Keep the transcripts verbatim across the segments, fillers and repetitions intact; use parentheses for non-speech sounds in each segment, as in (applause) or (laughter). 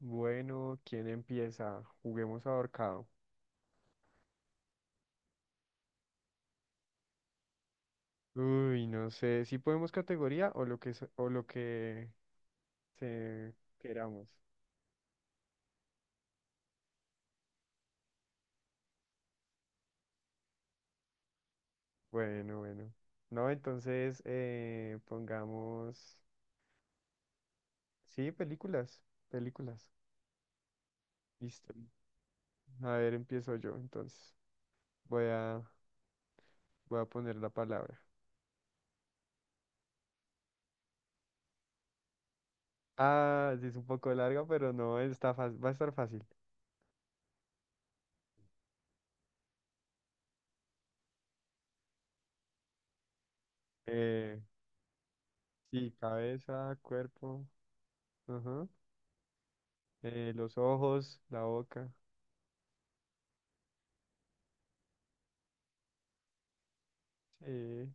Bueno, ¿quién empieza? Juguemos ahorcado. Uy, no sé, si podemos categoría o lo que, so- o lo que se queramos. Bueno, bueno. No, entonces eh, pongamos... Sí, películas, películas. Listo. A ver, empiezo yo entonces. Voy a, voy a poner la palabra. Ah, sí, es un poco larga, pero no, está fácil, va a estar fácil. Eh, sí, cabeza, cuerpo, ajá, eh, los ojos, la boca. Sí,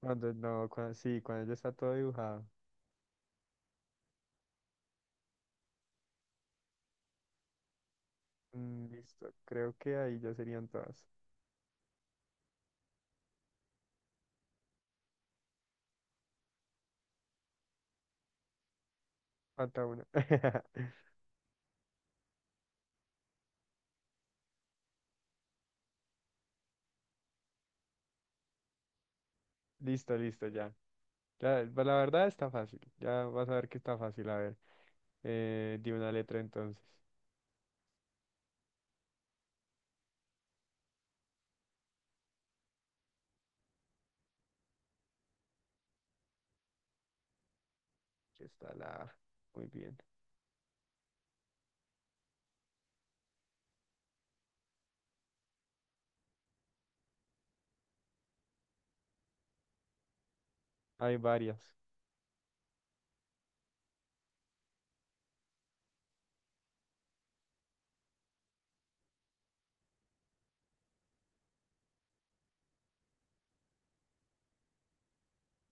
cuando no, cuando, sí, cuando ya está todo dibujado. Mm, listo, creo que ahí ya serían todas. Falta una. (laughs) Listo, listo, ya. Ya, eh, pues, la verdad está fácil. Ya vas a ver que está fácil. A ver, eh, di una letra entonces. Aquí está la A. Muy bien. Hay varias.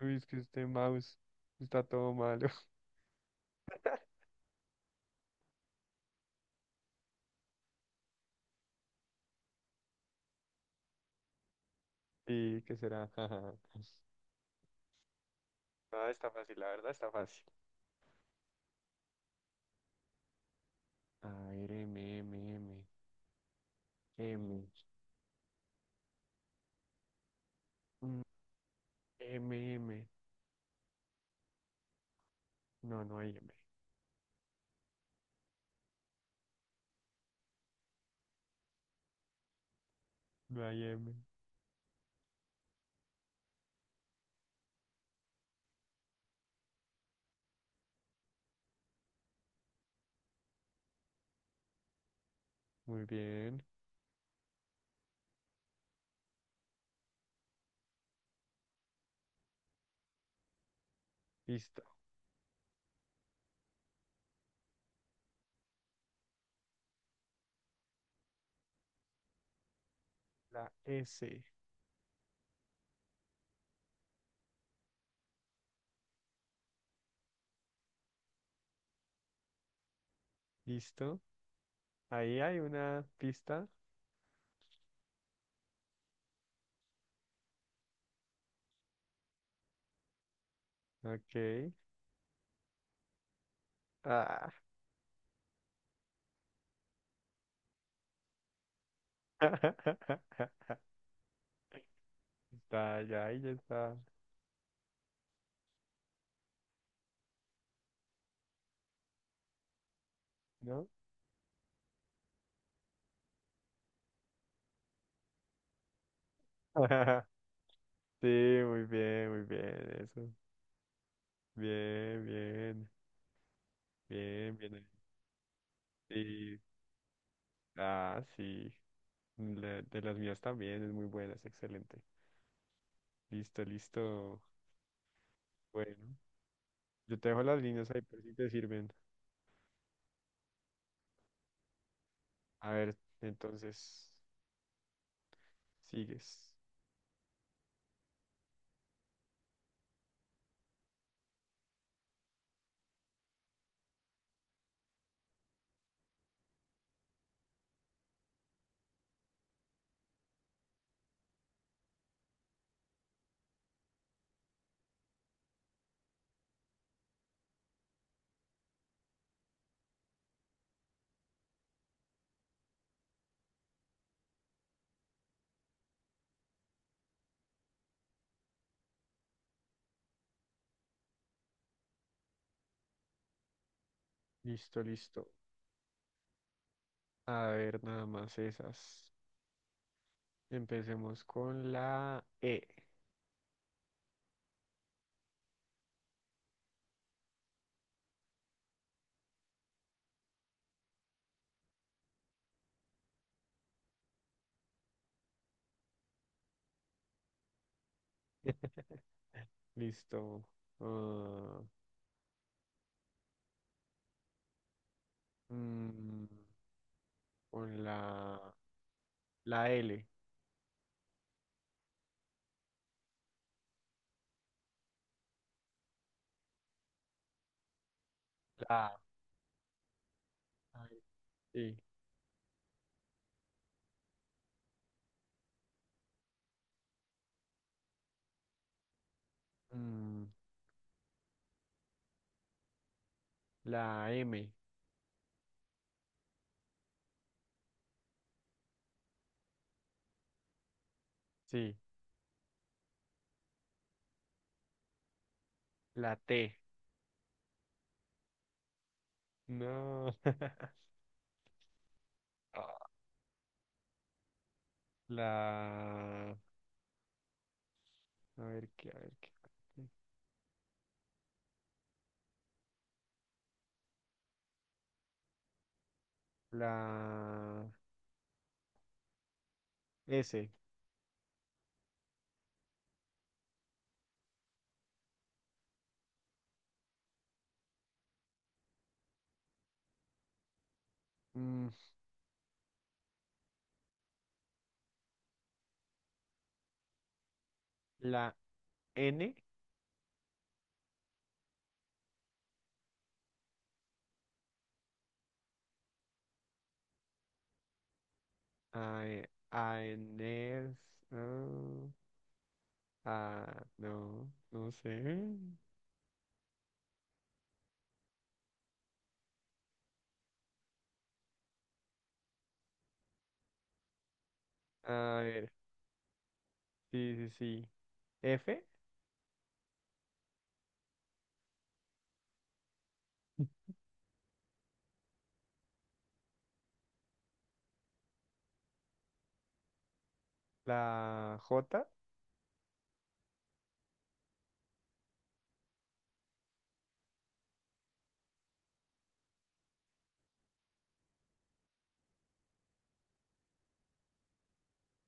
Uy, es que este mouse está todo malo. (laughs) ¿Y qué será? (laughs) No, está fácil, la verdad está fácil. A ver, M, M, M, M. Mm, M, M. No, no hay M. Miami. Muy bien. Listo. La S. Listo. Ahí hay una pista. Ok. Ah. (laughs) Está, ya, ahí ya está. ¿No? (laughs) Sí, muy bien, muy bien. Eso. Bien, bien. Bien, bien, ahí. Sí. Ah, sí. La- de las mías también es muy buena, es excelente. Listo, listo. Bueno, yo te dejo las líneas ahí por si te sirven. A ver, entonces, sigues. Listo, listo. A ver, nada más esas. Empecemos con la E. (laughs) Listo. Ah, mm, con la, la L. La A. Ay. Sí. Mm, la M. Sí. La T. No. (laughs) La... A ver qué, a ver qué. La S. Mm, la N. A, E, a N. Ah, no, no sé. A ver, sí, sí, sí. F, la J,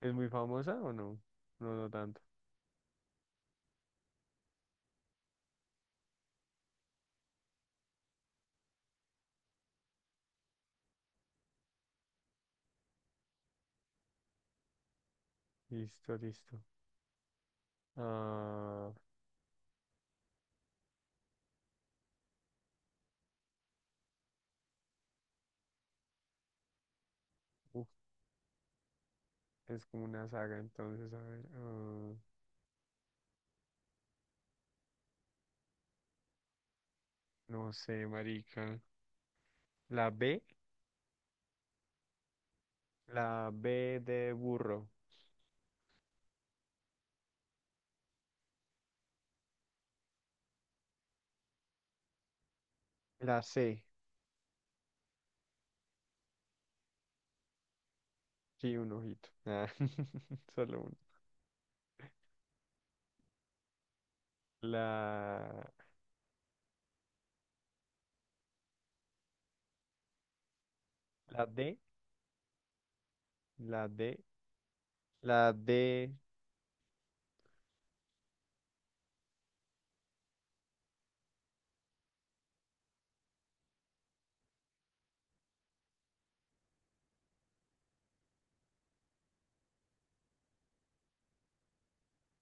¿es muy famosa o no? No, no tanto. Listo, listo. Ah, uf, es como una saga, entonces, a ver. Ah, no sé, marica. La B, la B de burro. La C, sí, un ojito. Ah, (laughs) solo uno. La, la D, la D, la D,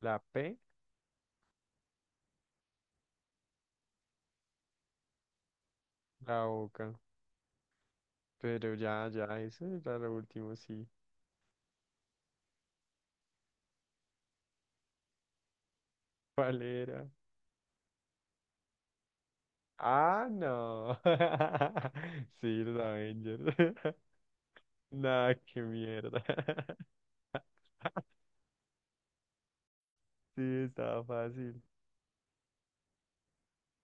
la P, la boca. Pero ya, ya, eso era lo último, sí. ¿Cuál era? Ah, no. (laughs) Sí, los Avengers. (laughs) Nah, qué mierda. (laughs) Sí, estaba fácil.